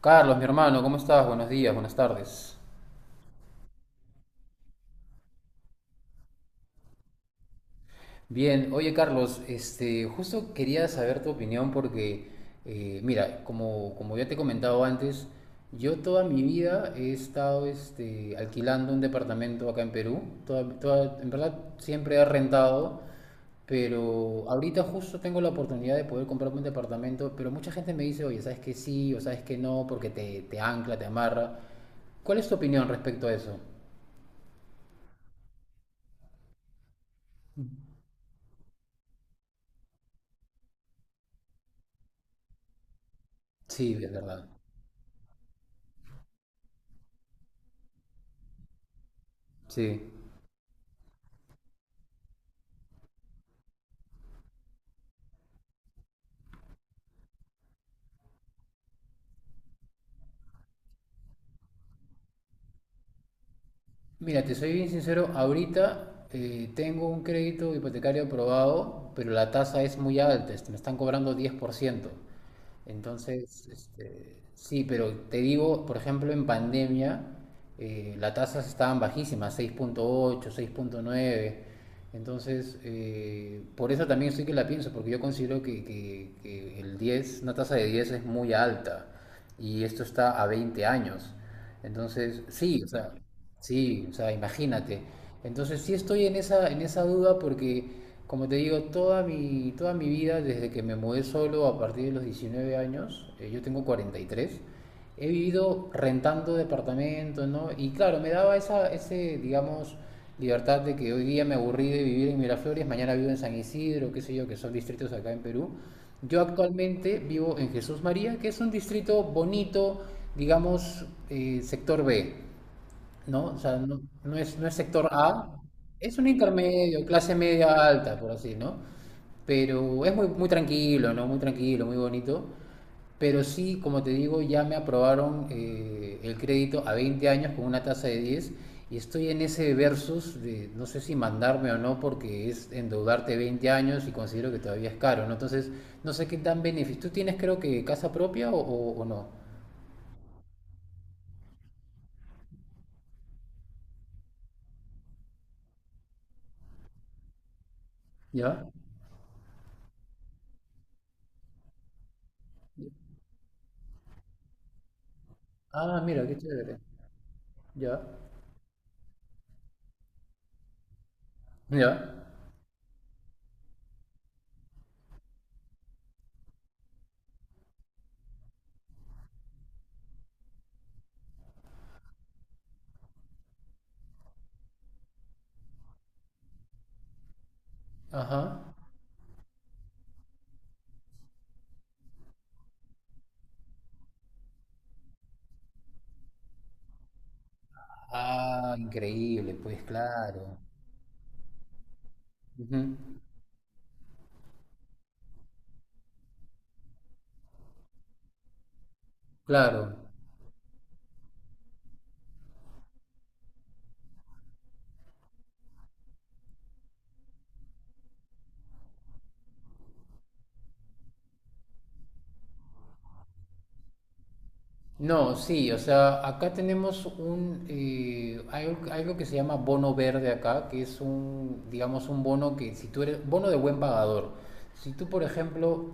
Carlos, mi hermano, ¿cómo estás? Buenos días, buenas tardes. Bien, oye Carlos, justo quería saber tu opinión porque, mira, como ya te he comentado antes, yo toda mi vida he estado alquilando un departamento acá en Perú. En verdad siempre he rentado, pero ahorita justo tengo la oportunidad de poder comprarme un departamento. Pero mucha gente me dice, oye, ¿sabes que sí o sabes que no? Porque te ancla, te amarra. ¿Cuál es tu opinión respecto a eso? Sí, es verdad. Sí. Mira, te soy bien sincero, ahorita tengo un crédito hipotecario aprobado, pero la tasa es muy alta. Me están cobrando 10%. Entonces, sí, pero te digo, por ejemplo, en pandemia, las tasas estaban bajísimas, seis punto ocho, 6,9. Entonces, por eso también sí que la pienso, porque yo considero que el 10, una tasa de 10 es muy alta, y esto está a 20 años. Entonces, sí, o sea. Sí, o sea, imagínate. Entonces sí estoy en esa duda porque, como te digo, toda mi vida, desde que me mudé solo a partir de los 19 años, yo tengo 43, he vivido rentando departamentos, ¿no? Y claro, me daba esa, ese, digamos, libertad de que hoy día me aburrí de vivir en Miraflores, mañana vivo en San Isidro, qué sé yo, que son distritos acá en Perú. Yo actualmente vivo en Jesús María, que es un distrito bonito, digamos, sector B. ¿No? O sea, no, no es sector A, es un intermedio, clase media alta, por así, ¿no? Pero es muy, muy tranquilo, ¿no? Muy tranquilo, muy bonito. Pero sí, como te digo, ya me aprobaron el crédito a 20 años con una tasa de 10, y estoy en ese versus de no sé si mandarme o no, porque es endeudarte 20 años y considero que todavía es caro, ¿no? Entonces, no sé qué tan beneficio. ¿Tú tienes, creo que, casa propia o no? ¿Ya? Ah, mira, qué chévere. ¿Ya? ¿Ya? Ajá. Ah, increíble, pues claro. Ujú. Claro. No, sí, o sea, acá tenemos hay algo que se llama bono verde acá, que es un, digamos, un bono que si tú eres, bono de buen pagador. Si tú, por ejemplo,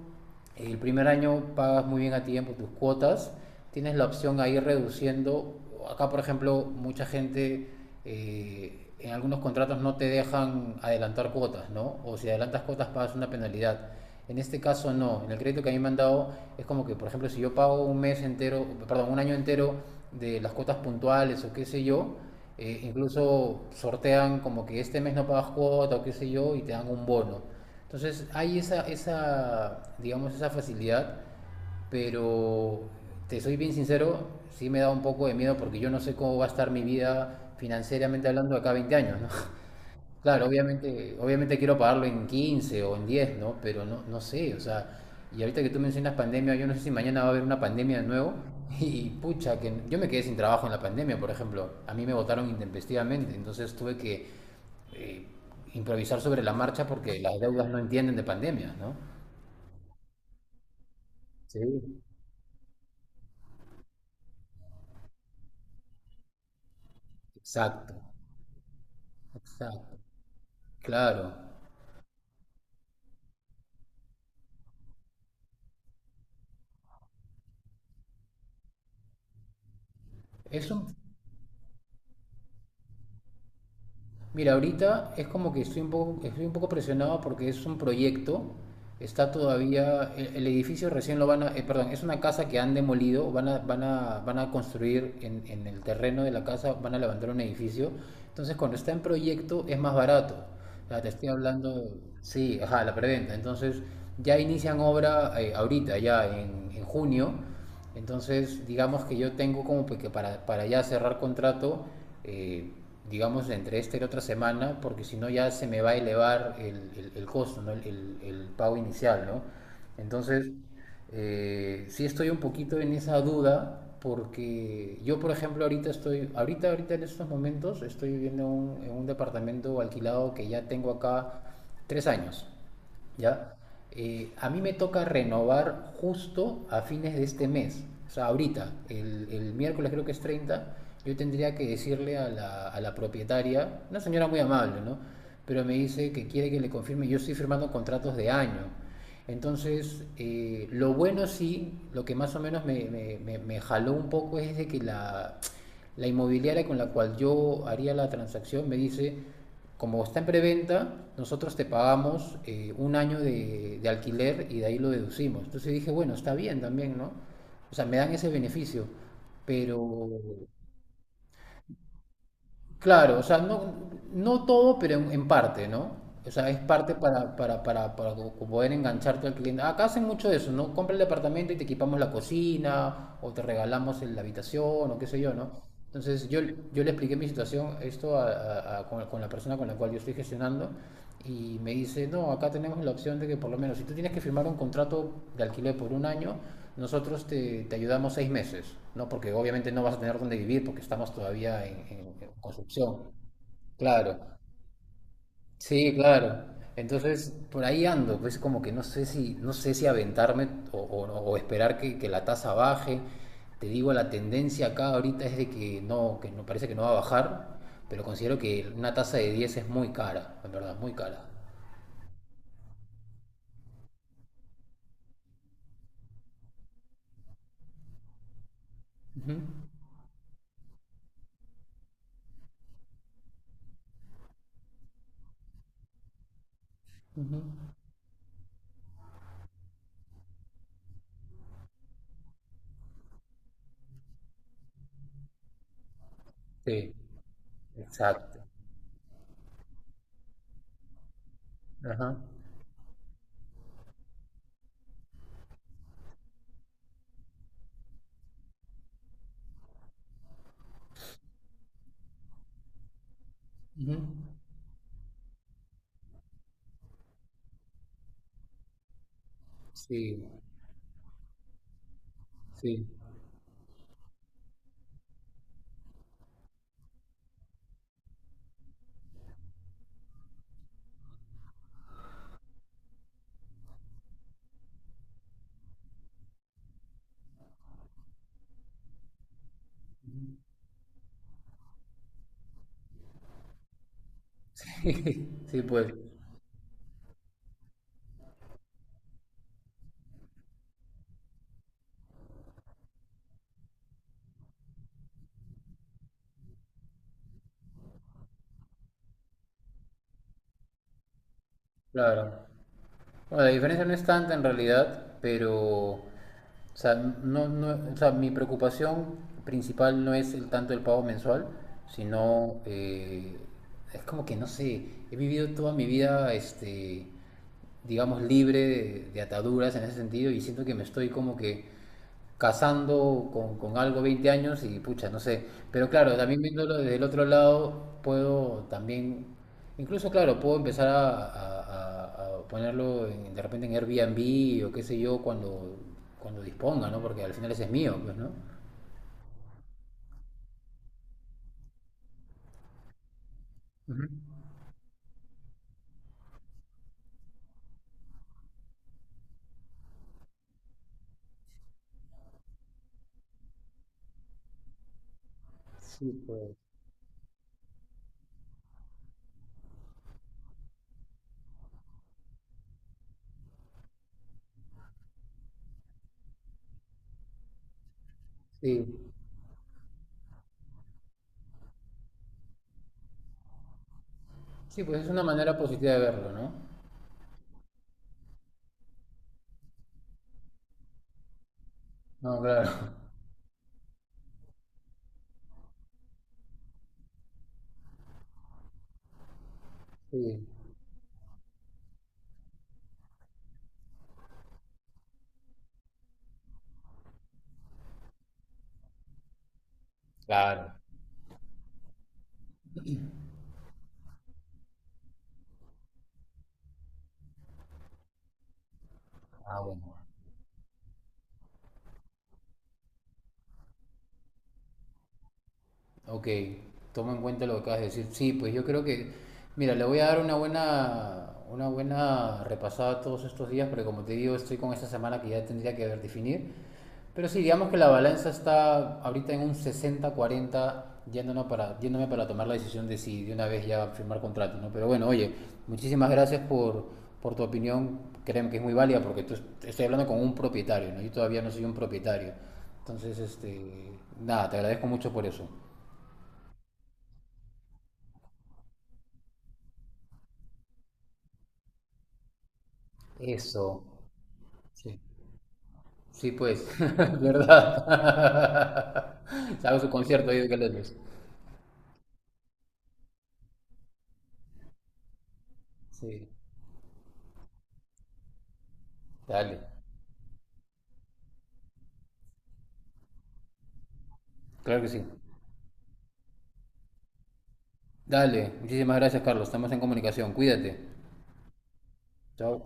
el primer año pagas muy bien a tiempo tus cuotas, tienes la opción a ir reduciendo. Acá, por ejemplo, mucha gente, en algunos contratos no te dejan adelantar cuotas, ¿no? O si adelantas cuotas pagas una penalidad. En este caso no, en el crédito que a mí me han dado es como que, por ejemplo, si yo pago un mes entero, perdón, un año entero de las cuotas puntuales o qué sé yo, incluso sortean como que este mes no pagas cuota o qué sé yo y te dan un bono. Entonces hay esa, digamos, esa facilidad, pero te soy bien sincero, sí me da un poco de miedo porque yo no sé cómo va a estar mi vida financieramente hablando acá 20 años, ¿no? Claro, obviamente, obviamente quiero pagarlo en 15 o en 10, ¿no? Pero no, no sé, o sea, y ahorita que tú mencionas pandemia, yo no sé si mañana va a haber una pandemia de nuevo y pucha, que yo me quedé sin trabajo en la pandemia, por ejemplo, a mí me votaron intempestivamente, entonces tuve que eh, improvisar sobre la marcha porque las deudas no entienden de pandemia, ¿no? Sí, exacto, exacto, claro. Es mira, ahorita es como que estoy un poco presionado porque es un proyecto, está todavía, el edificio recién lo van a, perdón, es una casa que han demolido, van a construir en el terreno de la casa, van a levantar un edificio. Entonces cuando está en proyecto es más barato, o sea, te estoy hablando, sí, ajá, la preventa. Entonces ya inician obra ahorita, ya en junio. Entonces, digamos que yo tengo como pues que para ya cerrar contrato, eh, digamos, entre esta y la otra semana, porque si no ya se me va a elevar el costo, ¿no? El pago inicial, ¿no? Entonces, sí estoy un poquito en esa duda, porque yo, por ejemplo, ahorita en estos momentos estoy viviendo en un departamento alquilado que ya tengo acá 3 años. ¿Ya? A mí me toca renovar justo a fines de este mes. O sea, ahorita, el miércoles creo que es 30. Yo tendría que decirle a a la propietaria, una señora muy amable, ¿no? Pero me dice que quiere que le confirme, yo estoy firmando contratos de año. Entonces, lo bueno sí, lo que más o menos me jaló un poco es de que la inmobiliaria con la cual yo haría la transacción me dice, como está en preventa, nosotros te pagamos un año de alquiler y de ahí lo deducimos. Entonces dije, bueno, está bien también, ¿no? O sea, me dan ese beneficio, pero... Claro, o sea, no todo, pero en parte, ¿no? O sea, es parte poder engancharte al cliente. Acá hacen mucho de eso, ¿no? Compra el departamento y te equipamos la cocina, o te regalamos la habitación, o qué sé yo, ¿no? Entonces, yo le expliqué mi situación, esto con la persona con la cual yo estoy gestionando, y me dice, no, acá tenemos la opción de que por lo menos si tú tienes que firmar un contrato de alquiler por un año, nosotros te ayudamos 6 meses, ¿no? Porque obviamente no vas a tener dónde vivir porque estamos todavía en construcción. Claro, sí, claro. Entonces, por ahí ando, pues como que no sé si aventarme, o esperar que la tasa baje. Te digo, la tendencia acá ahorita es de que no parece que no va a bajar, pero considero que una tasa de 10 es muy cara, en verdad, muy cara. Ujú. Ujú. Sí, exacto. Ajá. Ujú. Sí, sí. Sí, pues, claro. Bueno, la diferencia no es tanta en realidad, pero, o sea, no, no, o sea, mi preocupación principal no es el tanto el pago mensual, sino es como que no sé, he vivido toda mi vida, digamos, libre de ataduras en ese sentido, y siento que me estoy como que casando con algo 20 años y pucha, no sé. Pero claro, también viéndolo desde el otro lado, puedo también, incluso claro, puedo empezar a ponerlo de repente en Airbnb o qué sé yo, cuando disponga, ¿no? Porque al final ese es mío, pues, ¿no? Ujú. Sí, pues, sí. Sí, pues es una manera positiva de verlo, ¿no? No, claro. Sí. Claro. Ah, bueno. Ok, tomo en cuenta lo que acabas de decir. Sí, pues yo creo que, mira, le voy a dar una buena repasada todos estos días, porque como te digo, estoy con esta semana que ya tendría que definir. Pero sí, digamos que la balanza está ahorita en un 60/40, yéndome para tomar la decisión de si de una vez ya firmar contrato, ¿no? Pero bueno, oye, muchísimas gracias por tu opinión, créeme que es muy válida, porque tú, estoy hablando con un propietario, ¿no? Yo todavía no soy un propietario. Entonces, nada, te agradezco mucho por eso. Eso, sí, sí pues. ¿Verdad? Se Hago su concierto ahí de Caletes. Sí, dale, claro que sí. Dale, muchísimas gracias, Carlos. Estamos en comunicación. Cuídate. Chao.